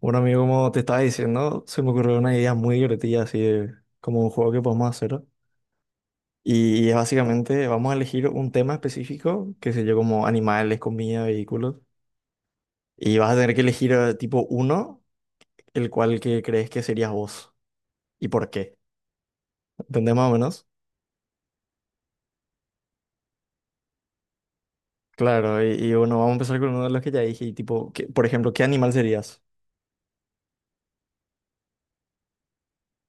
Bueno, amigo, como te estaba diciendo, se me ocurrió una idea muy divertida, así de como un juego que podemos hacer. Y es básicamente, vamos a elegir un tema específico, que sé yo, como animales, comida, vehículos. Y vas a tener que elegir tipo uno, el cual que crees que serías vos. ¿Y por qué? ¿Entendés más o menos? Claro, y bueno, vamos a empezar con uno de los que ya dije, y tipo, que, por ejemplo, ¿qué animal serías?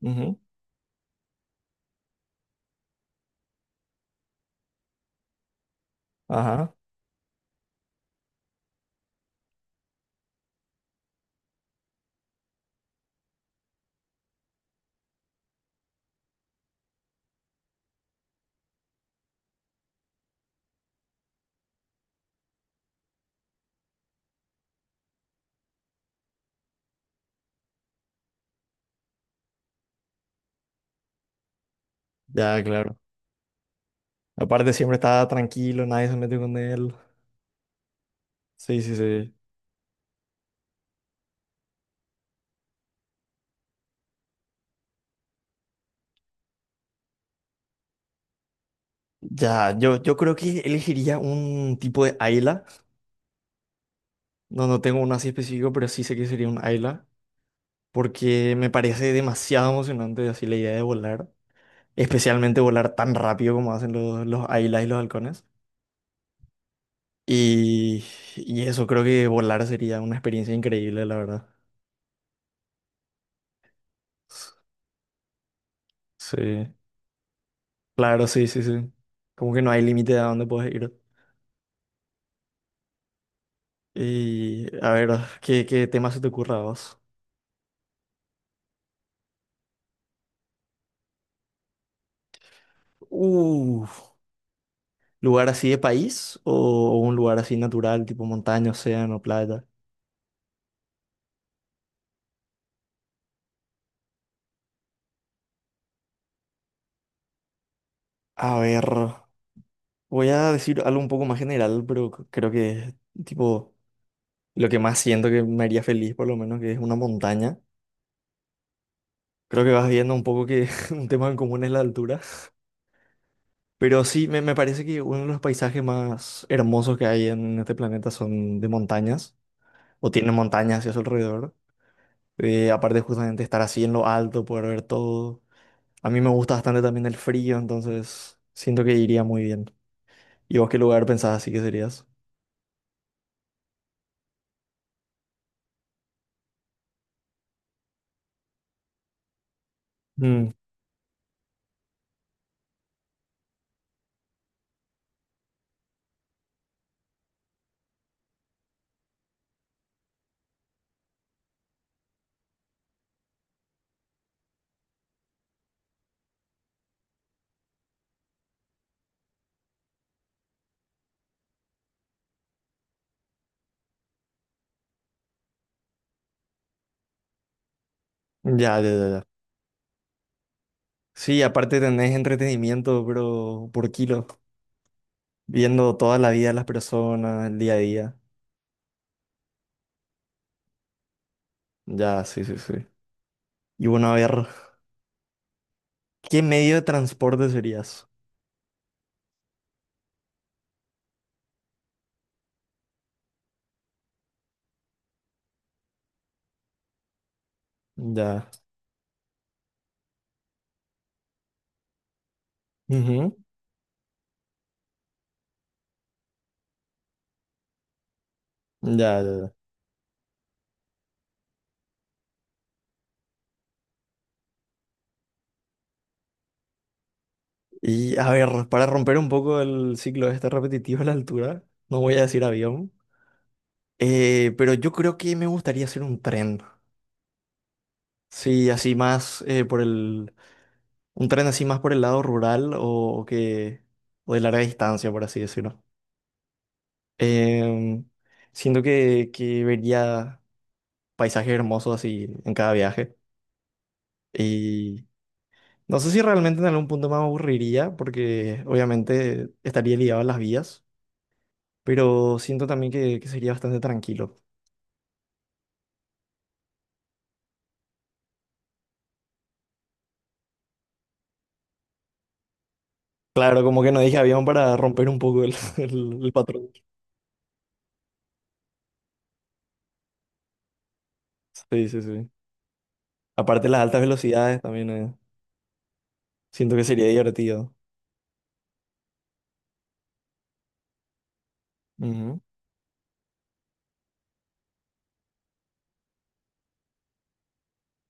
Ujú. Ajá, ya, claro. Aparte, siempre está tranquilo, nadie se mete con él. Sí, sí, sí. Ya, yo creo que elegiría un tipo de Ayla. No, no tengo uno así específico, pero sí sé que sería un Ayla. Porque me parece demasiado emocionante así la idea de volar. Especialmente volar tan rápido como hacen los Aylas y los halcones. Y, y eso, creo que volar sería una experiencia increíble, la verdad. Sí, claro, sí, sí, sí. Como que no hay límite de a dónde puedes ir. Y a ver, ¿qué tema se te ocurra a vos? Uf. ¿Lugar así de país o un lugar así natural, tipo montaña, océano, playa? A ver, voy a decir algo un poco más general, pero creo que tipo lo que más siento que me haría feliz, por lo menos, que es una montaña. Creo que vas viendo un poco que un tema en común es la altura. Pero sí, me parece que uno de los paisajes más hermosos que hay en este planeta son de montañas, o tienen montañas hacia su alrededor. Aparte justamente estar así en lo alto, poder ver todo. A mí me gusta bastante también el frío, entonces siento que iría muy bien. ¿Y vos qué lugar pensás así que serías? Mm, ya, ya, ya, ya. Sí, aparte tenés entretenimiento, pero por kilo, viendo toda la vida de las personas, el día a día. Ya, sí, sí, sí. Y bueno, a ver, ¿qué medio de transporte serías? Ya. Ujú. Ya, ya, ya. Y a ver, para romper un poco el ciclo este repetitivo a la altura, no voy a decir avión, pero yo creo que me gustaría hacer un tren. Sí, así más por el... Un tren así más por el lado rural o que... O de larga distancia, por así decirlo. Em, Siento que vería paisajes hermosos así en cada viaje. Y no sé si realmente en algún punto me aburriría, porque obviamente estaría ligado a las vías, pero siento también que sería bastante tranquilo. Claro, como que no dije avión para romper un poco el, el patrón. Sí, sí, sí. Aparte las altas velocidades también siento que sería divertido. Ujú.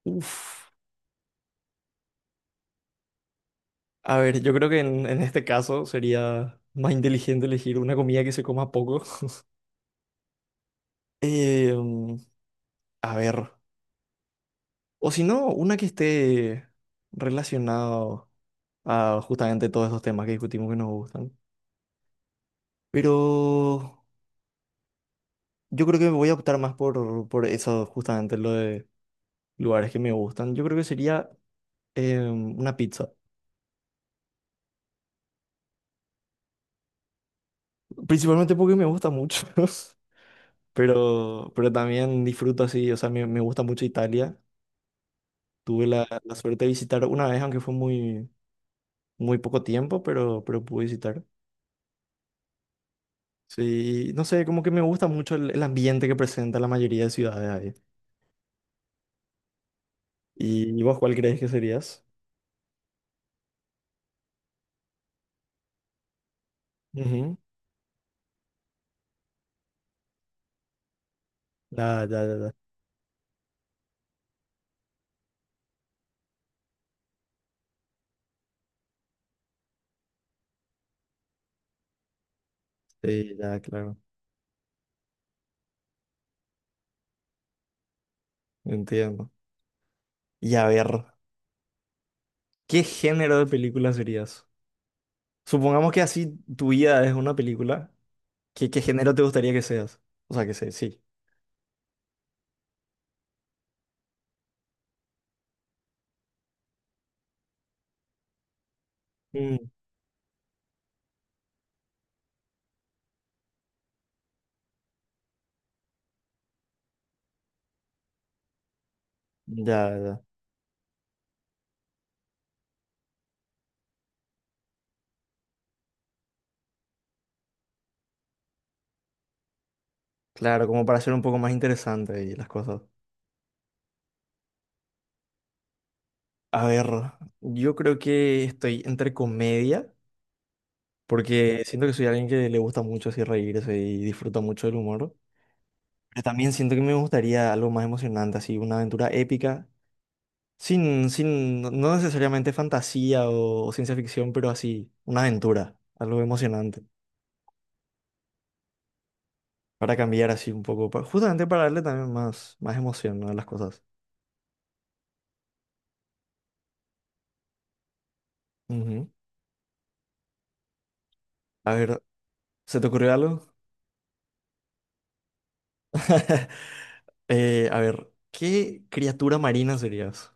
Uf. A ver, yo creo que en este caso sería más inteligente elegir una comida que se coma poco. Eh, mm, a ver, o si no, una que esté relacionada a justamente todos esos temas que discutimos que nos gustan. Pero yo creo que me voy a optar más por eso, justamente lo de lugares que me gustan. Yo creo que sería una pizza. Principalmente porque me gusta mucho, pero también disfruto así, o sea, me gusta mucho Italia. Tuve la suerte de visitar una vez, aunque fue muy, muy poco tiempo, pero pude visitar. Sí, no sé, como que me gusta mucho el ambiente que presenta la mayoría de ciudades ahí. ¿Y vos cuál crees que serías? Ujú. Ya, ya, ya, ya. Sí, ya, claro. Entiendo. Y a ver, ¿qué género de película serías? Supongamos que así tu vida es una película. ¿Qué género te gustaría que seas? O sea, que sé, sí. Mm. Ya, ya. Claro, como para hacer un poco más interesante y las cosas. A ver, yo creo que estoy entre comedia, porque siento que soy alguien que le gusta mucho así reírse y disfruta mucho del humor. Pero también siento que me gustaría algo más emocionante, así una aventura épica, sin, sin, no no necesariamente fantasía o, ciencia ficción, pero así, una aventura, algo emocionante, para cambiar así un poco, justamente para darle también más, más emoción, ¿no? a las cosas. Ujú. A ver, ¿se te ocurrió algo? A ver, ¿qué criatura marina serías?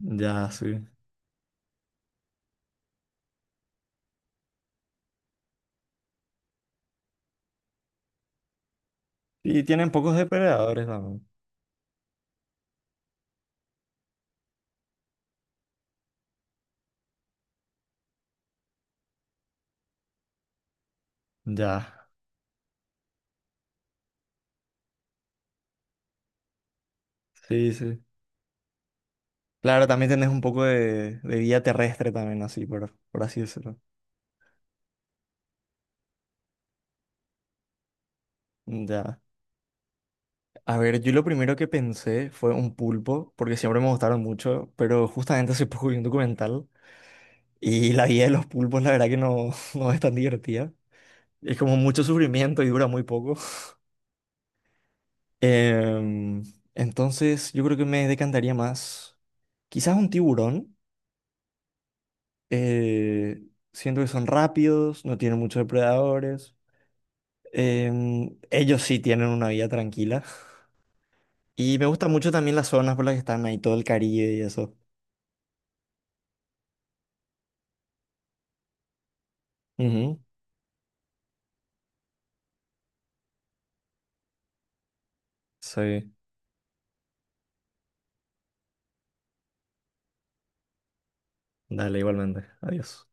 Ya, sí. Y tienen pocos depredadores también. Ya, sí, sí. Claro, también tenés un poco de vida terrestre también, así, por así decirlo. Ya. A ver, yo lo primero que pensé fue un pulpo, porque siempre me gustaron mucho, pero justamente hace poco vi un documental y la vida de los pulpos, la verdad que no, no es tan divertida. Es como mucho sufrimiento y dura muy poco. Em, entonces, yo creo que me decantaría más, quizás un tiburón. Eh, Siento que son rápidos, no tienen muchos depredadores. Ellos sí tienen una vida tranquila. Y me gustan mucho también las zonas por las que están ahí, todo el Caribe y eso. Ujú. Sí, dale, igualmente. Adiós.